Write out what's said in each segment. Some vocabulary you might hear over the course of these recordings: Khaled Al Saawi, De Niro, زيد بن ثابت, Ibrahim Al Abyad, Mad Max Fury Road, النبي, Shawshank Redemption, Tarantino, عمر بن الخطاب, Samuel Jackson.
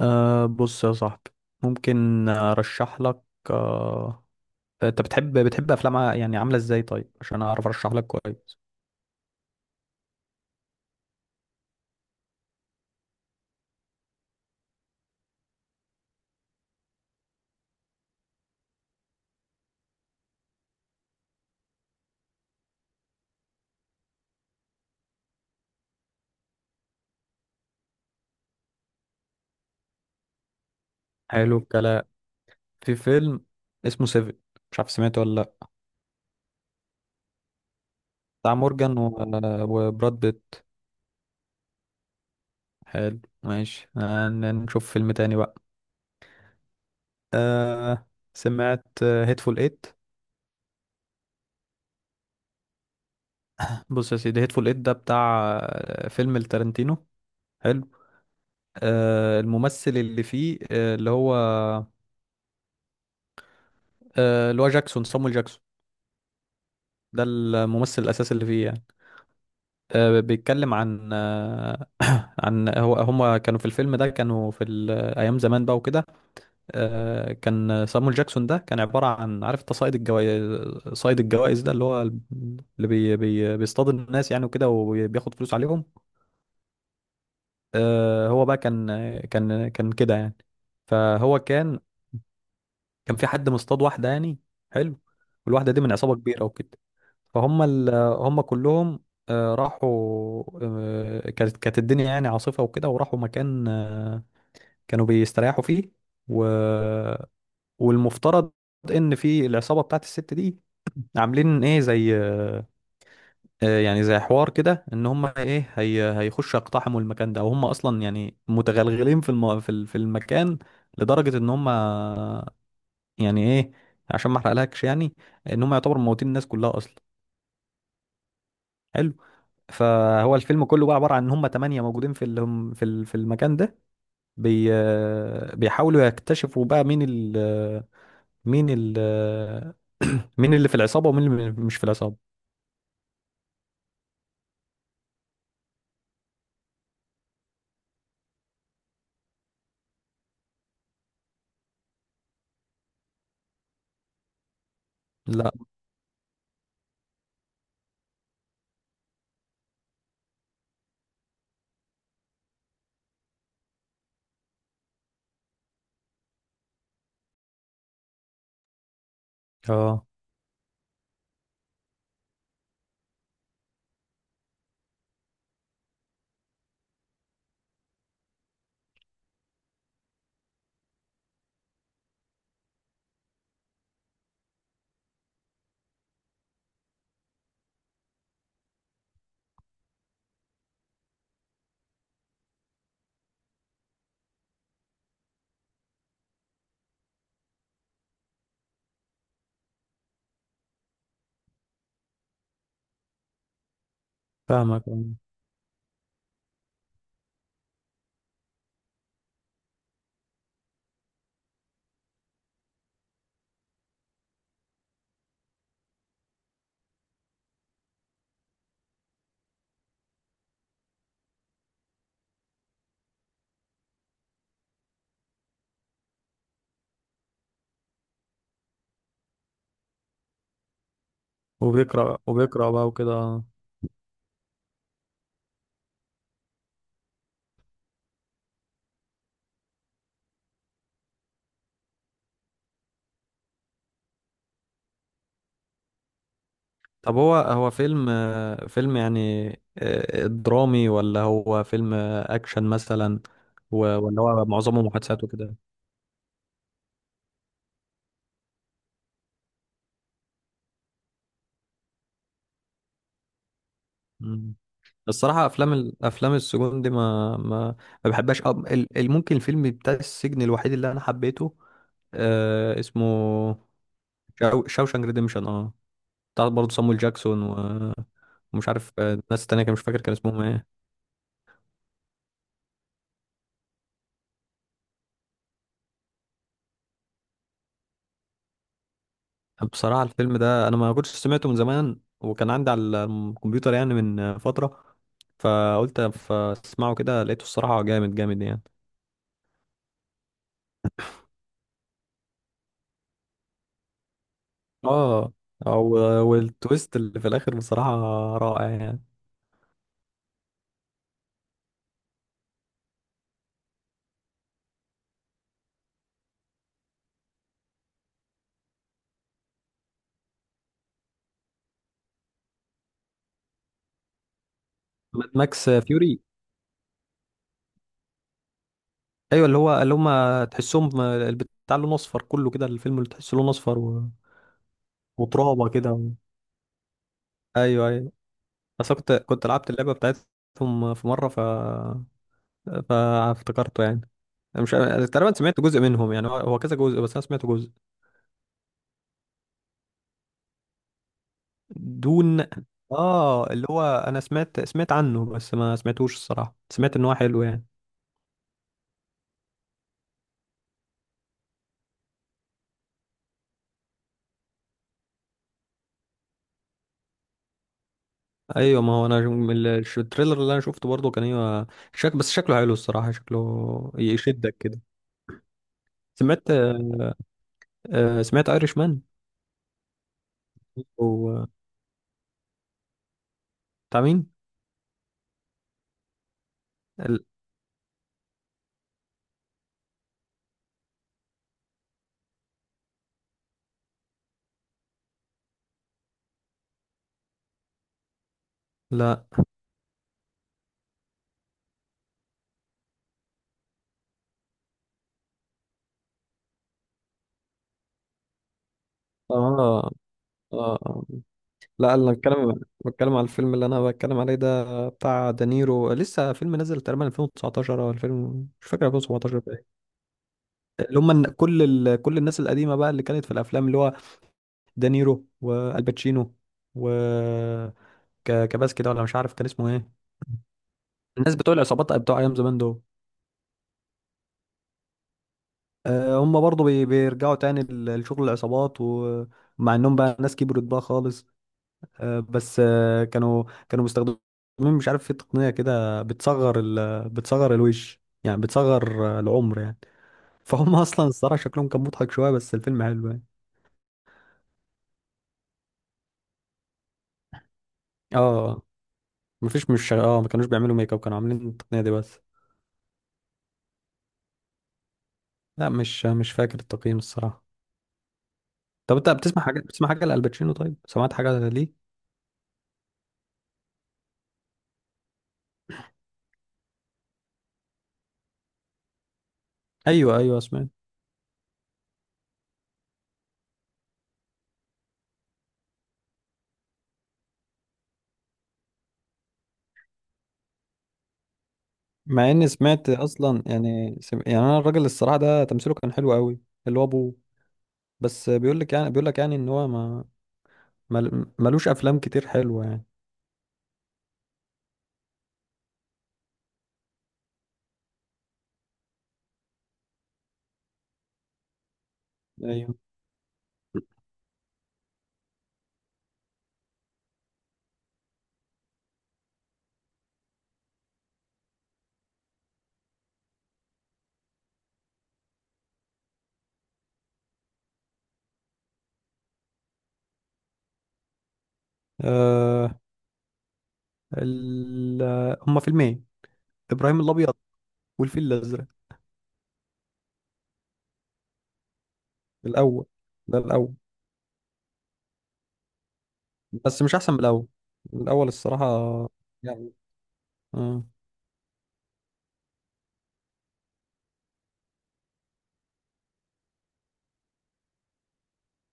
أه، بص يا صاحبي، ممكن ارشح لك. أه انت بتحب افلام، يعني عامله ازاي؟ طيب، عشان اعرف ارشح لك كويس. حلو الكلام. في فيلم اسمه سيفن، مش عارف سمعته ولا لا. بتاع مورجان وبراد بيت. حلو، ماشي. نشوف فيلم تاني بقى. أه، سمعت هيتفول ايت؟ بص يا سيدي، هيتفول ايت ده بتاع فيلم التارنتينو. حلو. أه، الممثل اللي فيه، اللي هو جاكسون، صامويل جاكسون. ده الممثل الأساسي اللي فيه يعني. بيتكلم عن هما كانوا في الفيلم ده، أيام زمان بقى وكده. كان سامويل جاكسون ده كان عبارة عن، عارف انت، صائد الجوائز. صائد الجوائز ده اللي هو اللي بي بي بيصطاد الناس يعني وكده، وبياخد فلوس عليهم. هو بقى كان كده يعني. فهو كان في حد مصطاد واحدة يعني. حلو. والواحدة دي من عصابة كبيرة وكده. فهم هم كلهم، راحوا. كانت الدنيا يعني عاصفة وكده، وراحوا مكان، كانوا بيستريحوا فيه. و... والمفترض ان في العصابة بتاعت الست دي عاملين ايه، زي، يعني زي حوار كده، ان هم ايه، هيخشوا يقتحموا المكان ده. وهم اصلا يعني متغلغلين في المكان، لدرجة ان هم يعني ايه، عشان ما احرقلكش يعني، ان هم يعتبروا موتين الناس كلها اصلا. حلو. فهو الفيلم كله بقى عبارة عن ان هم 8 موجودين في ال- هم في ال- في المكان ده. بي بيحاولوا يكتشفوا بقى مين ال مين ال مين اللي في العصابة ومين اللي مش في العصابة. لا. اه، فاهمك. وبيقرأ وبيقرأ بقى وكده. طب هو فيلم يعني، درامي، ولا هو فيلم اكشن مثلا؟ ولا هو معظمه محادثات وكده؟ الصراحة أفلام أفلام السجون دي، ما بحبهاش. أو ممكن الفيلم بتاع السجن الوحيد اللي أنا حبيته، اسمه شاوشانك ريديمشن. اه، بتاع برضه صامويل جاكسون، ومش عارف، ناس تانية كان مش فاكر كان اسمهم ايه. بصراحة الفيلم ده أنا ما كنتش سمعته من زمان، وكان عندي على الكمبيوتر يعني من فترة، فقلت فاسمعه كده، لقيته الصراحة جامد جامد يعني. اه، أو، والتويست اللي في الآخر بصراحة رائع يعني. ماد ماكس فيوري. ايوه، اللي هو، اللي هم تحسهم البتاع لونه اصفر كله كده، الفيلم اللي تحسه لونه اصفر وترابه كده ايوه ايوه. بس أنا كنت لعبت اللعبه بتاعتهم في مره، فافتكرته يعني. أنا مش، تقريبا سمعت جزء منهم يعني، هو كذا جزء، بس انا سمعت جزء. دون. اه، اللي هو، انا سمعت عنه، بس ما سمعتوش الصراحه. سمعت ان هو حلو يعني. ايوه، ما هو انا من التريلر اللي انا شفته برضه كان، ايوه، شك، بس شكله حلو الصراحه، شكله يشدك كده. سمعت سمعت ايرش مان؟ بتاع مين؟ ال- لا. آه. آه. آه. لا، انا بتكلم على الفيلم اللي انا بتكلم عليه، ده بتاع دانيرو، لسه فيلم نزل تقريبا 2019 او 2000، مش فاكر، 2017 بقى. اللي هم، كل كل الناس القديمه بقى اللي كانت في الافلام، اللي هو دانيرو والباتشينو، و كباس كده، ولا مش عارف كان اسمه ايه. الناس بتوع العصابات بتوع ايام زمان دول. هم برضه بيرجعوا تاني لشغل العصابات، ومع انهم بقى ناس كبرت بقى خالص. بس كانوا مستخدمين، مش عارف، في تقنية كده بتصغر ال بتصغر الوش يعني، بتصغر العمر يعني. فهم اصلا الصراحة شكلهم كان مضحك شوية، بس الفيلم حلو يعني. اه، آه، مفيش مش اه ما كانوش بيعملوا ميك اب، كانوا عاملين التقنية دي بس. لا، مش فاكر التقييم الصراحة. طب انت بتسمع حاجة لألباتشينو؟ طيب سمعت حاجة ليه؟ ايوه ايوه، سمعت. مع اني سمعت اصلا يعني، يعني انا الراجل الصراحة ده تمثيله كان حلو قوي. اللي هو ابوه. بس بيقول لك يعني ان هو ما ملوش افلام كتير حلوه يعني. ايوه. آه... ال... هما فيلمين، ابراهيم الابيض والفيل الازرق. الاول. ده الاول، بس مش احسن من الاول. الاول الصراحه، يعني. آه.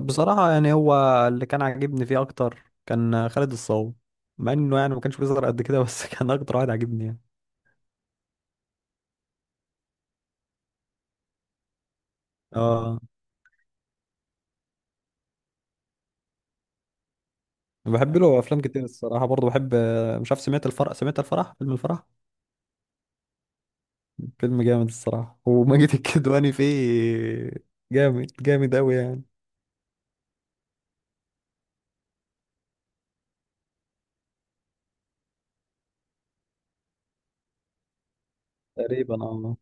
بصراحه يعني هو اللي كان عاجبني فيه اكتر كان خالد الصاوي، مع انه يعني ما كانش بيظهر قد كده، بس كان اكتر واحد عاجبني يعني. اه، بحب له افلام كتير الصراحه، برضه بحب. مش عارف، سمعت الفرح فيلم الفرح فيلم جامد الصراحة، وماجد الكدواني فيه. جامد جامد أوي يعني. تقريبا، اه،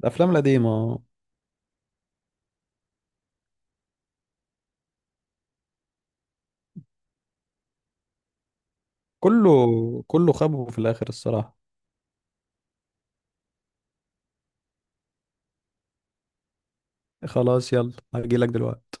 الأفلام القديمة. آه. كله كله خابه في الآخر الصراحة. خلاص، يلا، هجيلك دلوقتي.